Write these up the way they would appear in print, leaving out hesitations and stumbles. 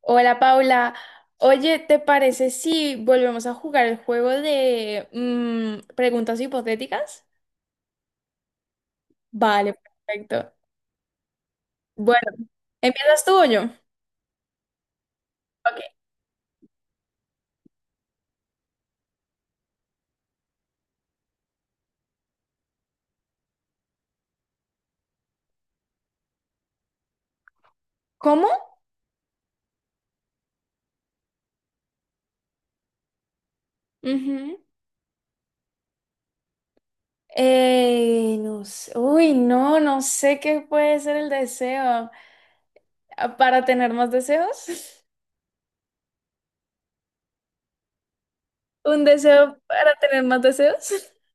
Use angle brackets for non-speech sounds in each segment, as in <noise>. Hola Paula, oye, ¿te parece si volvemos a jugar el juego de preguntas hipotéticas? Vale, perfecto. Bueno, ¿empiezas tú o yo? Ok. ¿Cómo? Ujú. No sé. Uy, no, no sé qué puede ser el deseo. Ah, ¿para tener más deseos? <laughs> ¿Un deseo para tener más deseos? <laughs>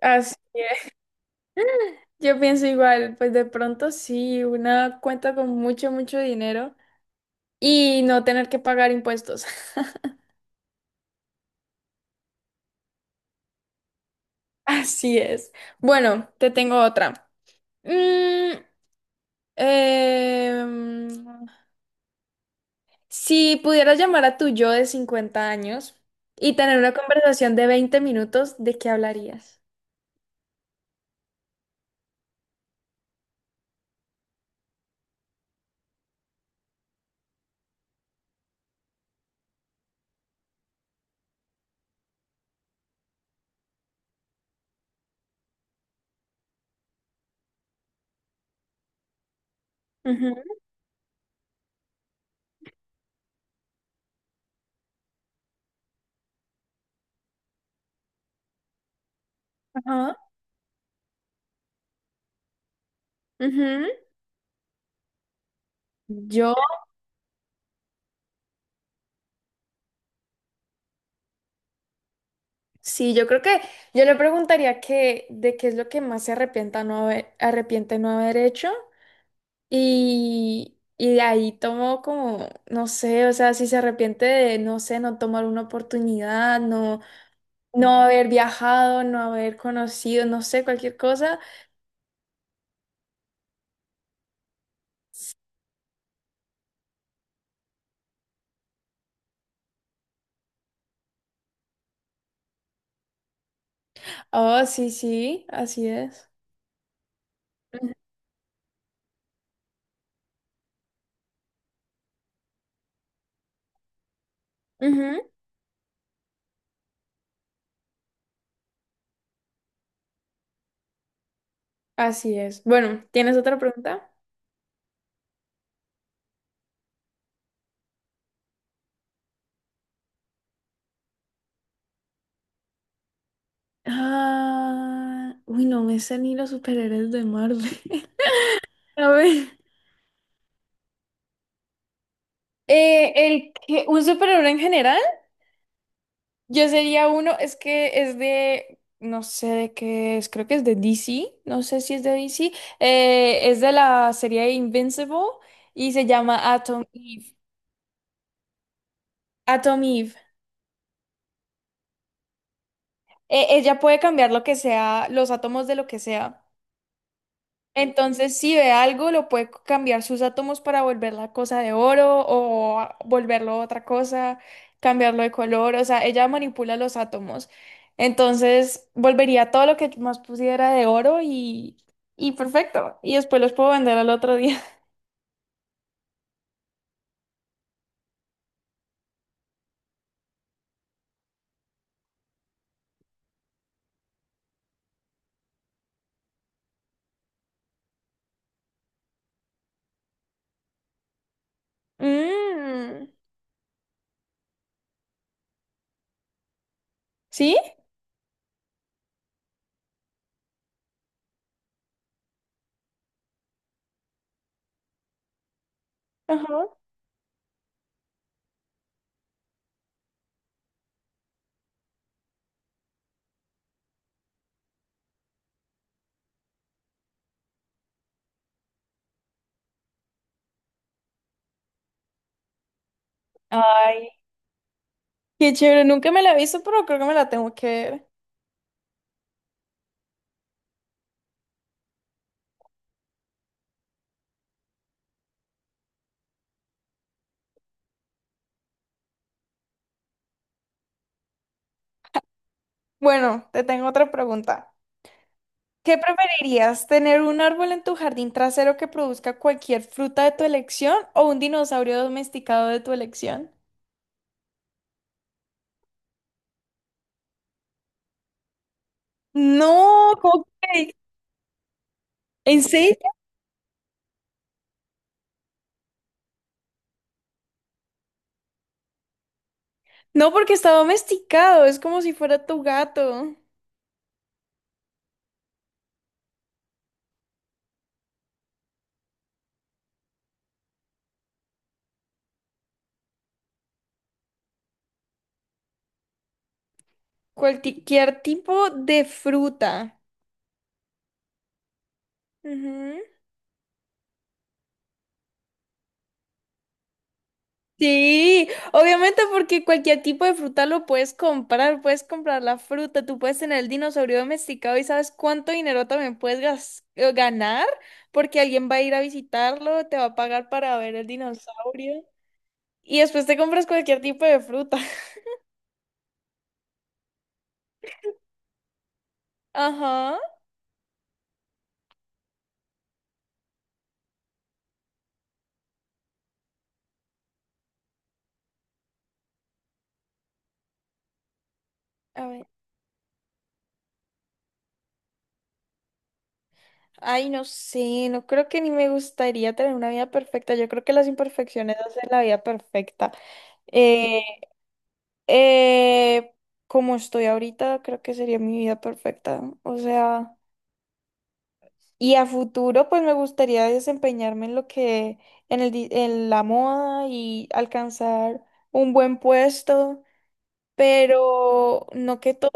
Así es. Yo pienso igual, pues de pronto sí, una cuenta con mucho, mucho dinero. Y no tener que pagar impuestos. <laughs> Así es. Bueno, te tengo otra. Mm, em, si pudieras llamar a tu yo de 50 años y tener una conversación de 20 minutos, ¿de qué hablarías? Ujú, ajá, ujú. Yo, sí, yo creo que yo le preguntaría que de qué es lo que más se arrepienta no haber, arrepiente no haber hecho. Y de ahí tomó como, no sé, o sea, si se arrepiente de, no sé, no tomar una oportunidad, no, no haber viajado, no haber conocido, no sé, cualquier cosa. Oh, sí, sí, así es. Ujú. Ujú, así es. Bueno, ¿tienes otra pregunta? Ah, uy, no me sé ni los superhéroes de Marvel. <laughs> A ver. ¿Un superhéroe en general? Yo sería uno, es que es de, no sé de qué es, creo que es de DC, no sé si es de DC, es de la serie Invincible y se llama Atom Eve. Atom Eve. Ella puede cambiar lo que sea, los átomos de lo que sea. Entonces, si ve algo, lo puede cambiar sus átomos para volver la cosa de oro o volverlo otra cosa, cambiarlo de color, o sea, ella manipula los átomos. Entonces, volvería todo lo que más pusiera de oro y perfecto. Y después los puedo vender al otro día. <laughs> Mm, ¿sí? Ajá. Ay, qué chévere. Nunca me la he visto, pero creo que me la tengo que ver. Bueno, te tengo otra pregunta. ¿Qué preferirías? ¿Tener un árbol en tu jardín trasero que produzca cualquier fruta de tu elección o un dinosaurio domesticado de tu elección? No, ¿cómo que? ¿En serio? No, porque está domesticado, es como si fuera tu gato. Cualquier tipo de fruta. Ujú. Sí, obviamente porque cualquier tipo de fruta lo puedes comprar la fruta, tú puedes tener el dinosaurio domesticado y sabes cuánto dinero también puedes ganar porque alguien va a ir a visitarlo, te va a pagar para ver el dinosaurio y después te compras cualquier tipo de fruta. <laughs> Ajá, a ver. Ay, no sé, no creo que ni me gustaría tener una vida perfecta, yo creo que las imperfecciones hacen la vida perfecta. Eh, Eh, como estoy ahorita, creo que sería mi vida perfecta. ¿No? O sea, y a futuro, pues me gustaría desempeñarme en lo que, en la moda y alcanzar un buen puesto, pero no que todo.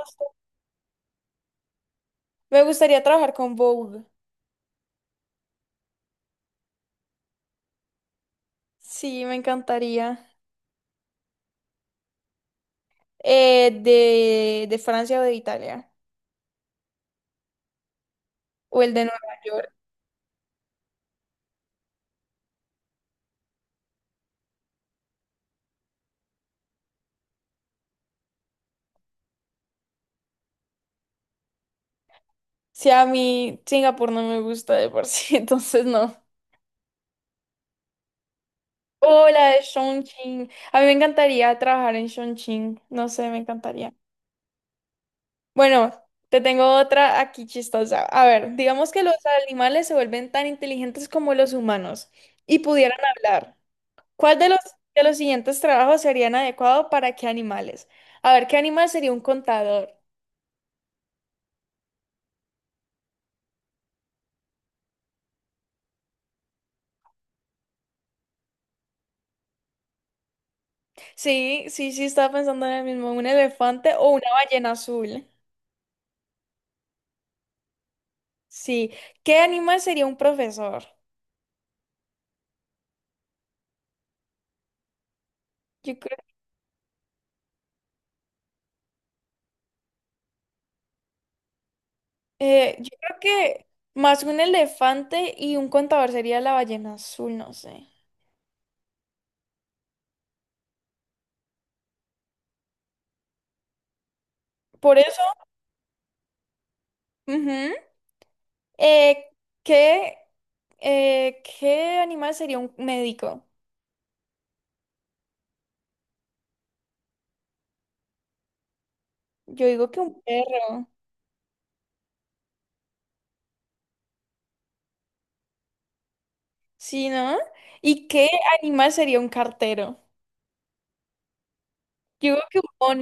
Me gustaría trabajar con Vogue. Sí, me encantaría. De Francia o de Italia, o el de Nueva York. Si a mí Singapur no me gusta de por sí, <laughs> entonces no. Hola de Chongqing. A mí me encantaría trabajar en Chongqing. No sé, me encantaría. Bueno, te tengo otra aquí chistosa. A ver, digamos que los animales se vuelven tan inteligentes como los humanos y pudieran hablar. ¿Cuál de los, ¿de los siguientes trabajos serían adecuado para qué animales? A ver, ¿qué animal sería un contador? Sí, sí, sí, estaba pensando en el mismo, un elefante o una ballena azul. Sí. ¿Qué animal sería un profesor? Yo creo. Yo creo que más un elefante y un contador sería la ballena azul, no sé. Por eso, ujú, eh, ¿qué, ¿qué animal sería un médico? Yo digo que un perro, ¿sí, no? ¿Y qué animal sería un cartero? Yo digo que un mono,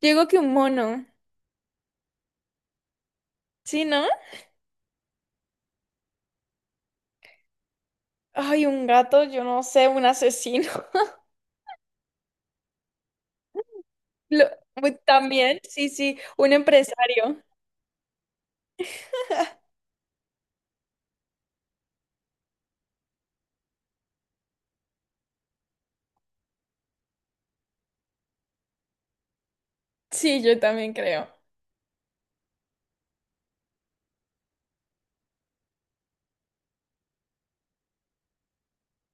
yo digo que un mono, ¿sí, no? Ay, un gato, yo no sé, un asesino. <laughs> Lo- también, sí, sí, un empresario. Sí, yo también creo.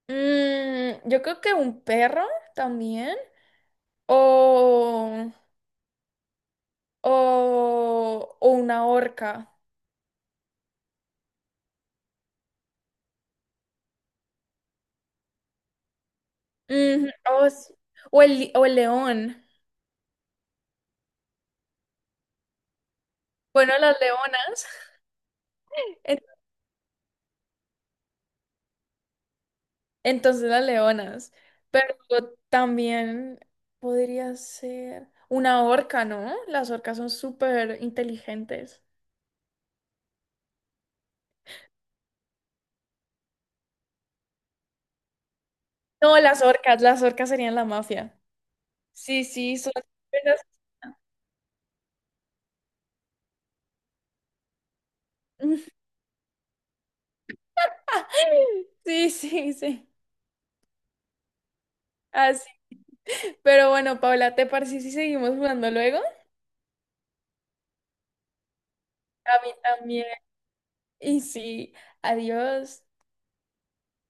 Mm, yo creo que un perro también. O, o una orca. Ujú, o o el león. Bueno, las leonas. <laughs> En- Entonces las leonas. Pero también podría ser una orca, ¿no? Las orcas son súper inteligentes. No, las orcas serían la mafia. Sí, sí, son... <laughs> Sí, sí, sí. Así. Pero bueno, Paula, ¿te parece si seguimos jugando luego? A mí también. Y sí, adiós.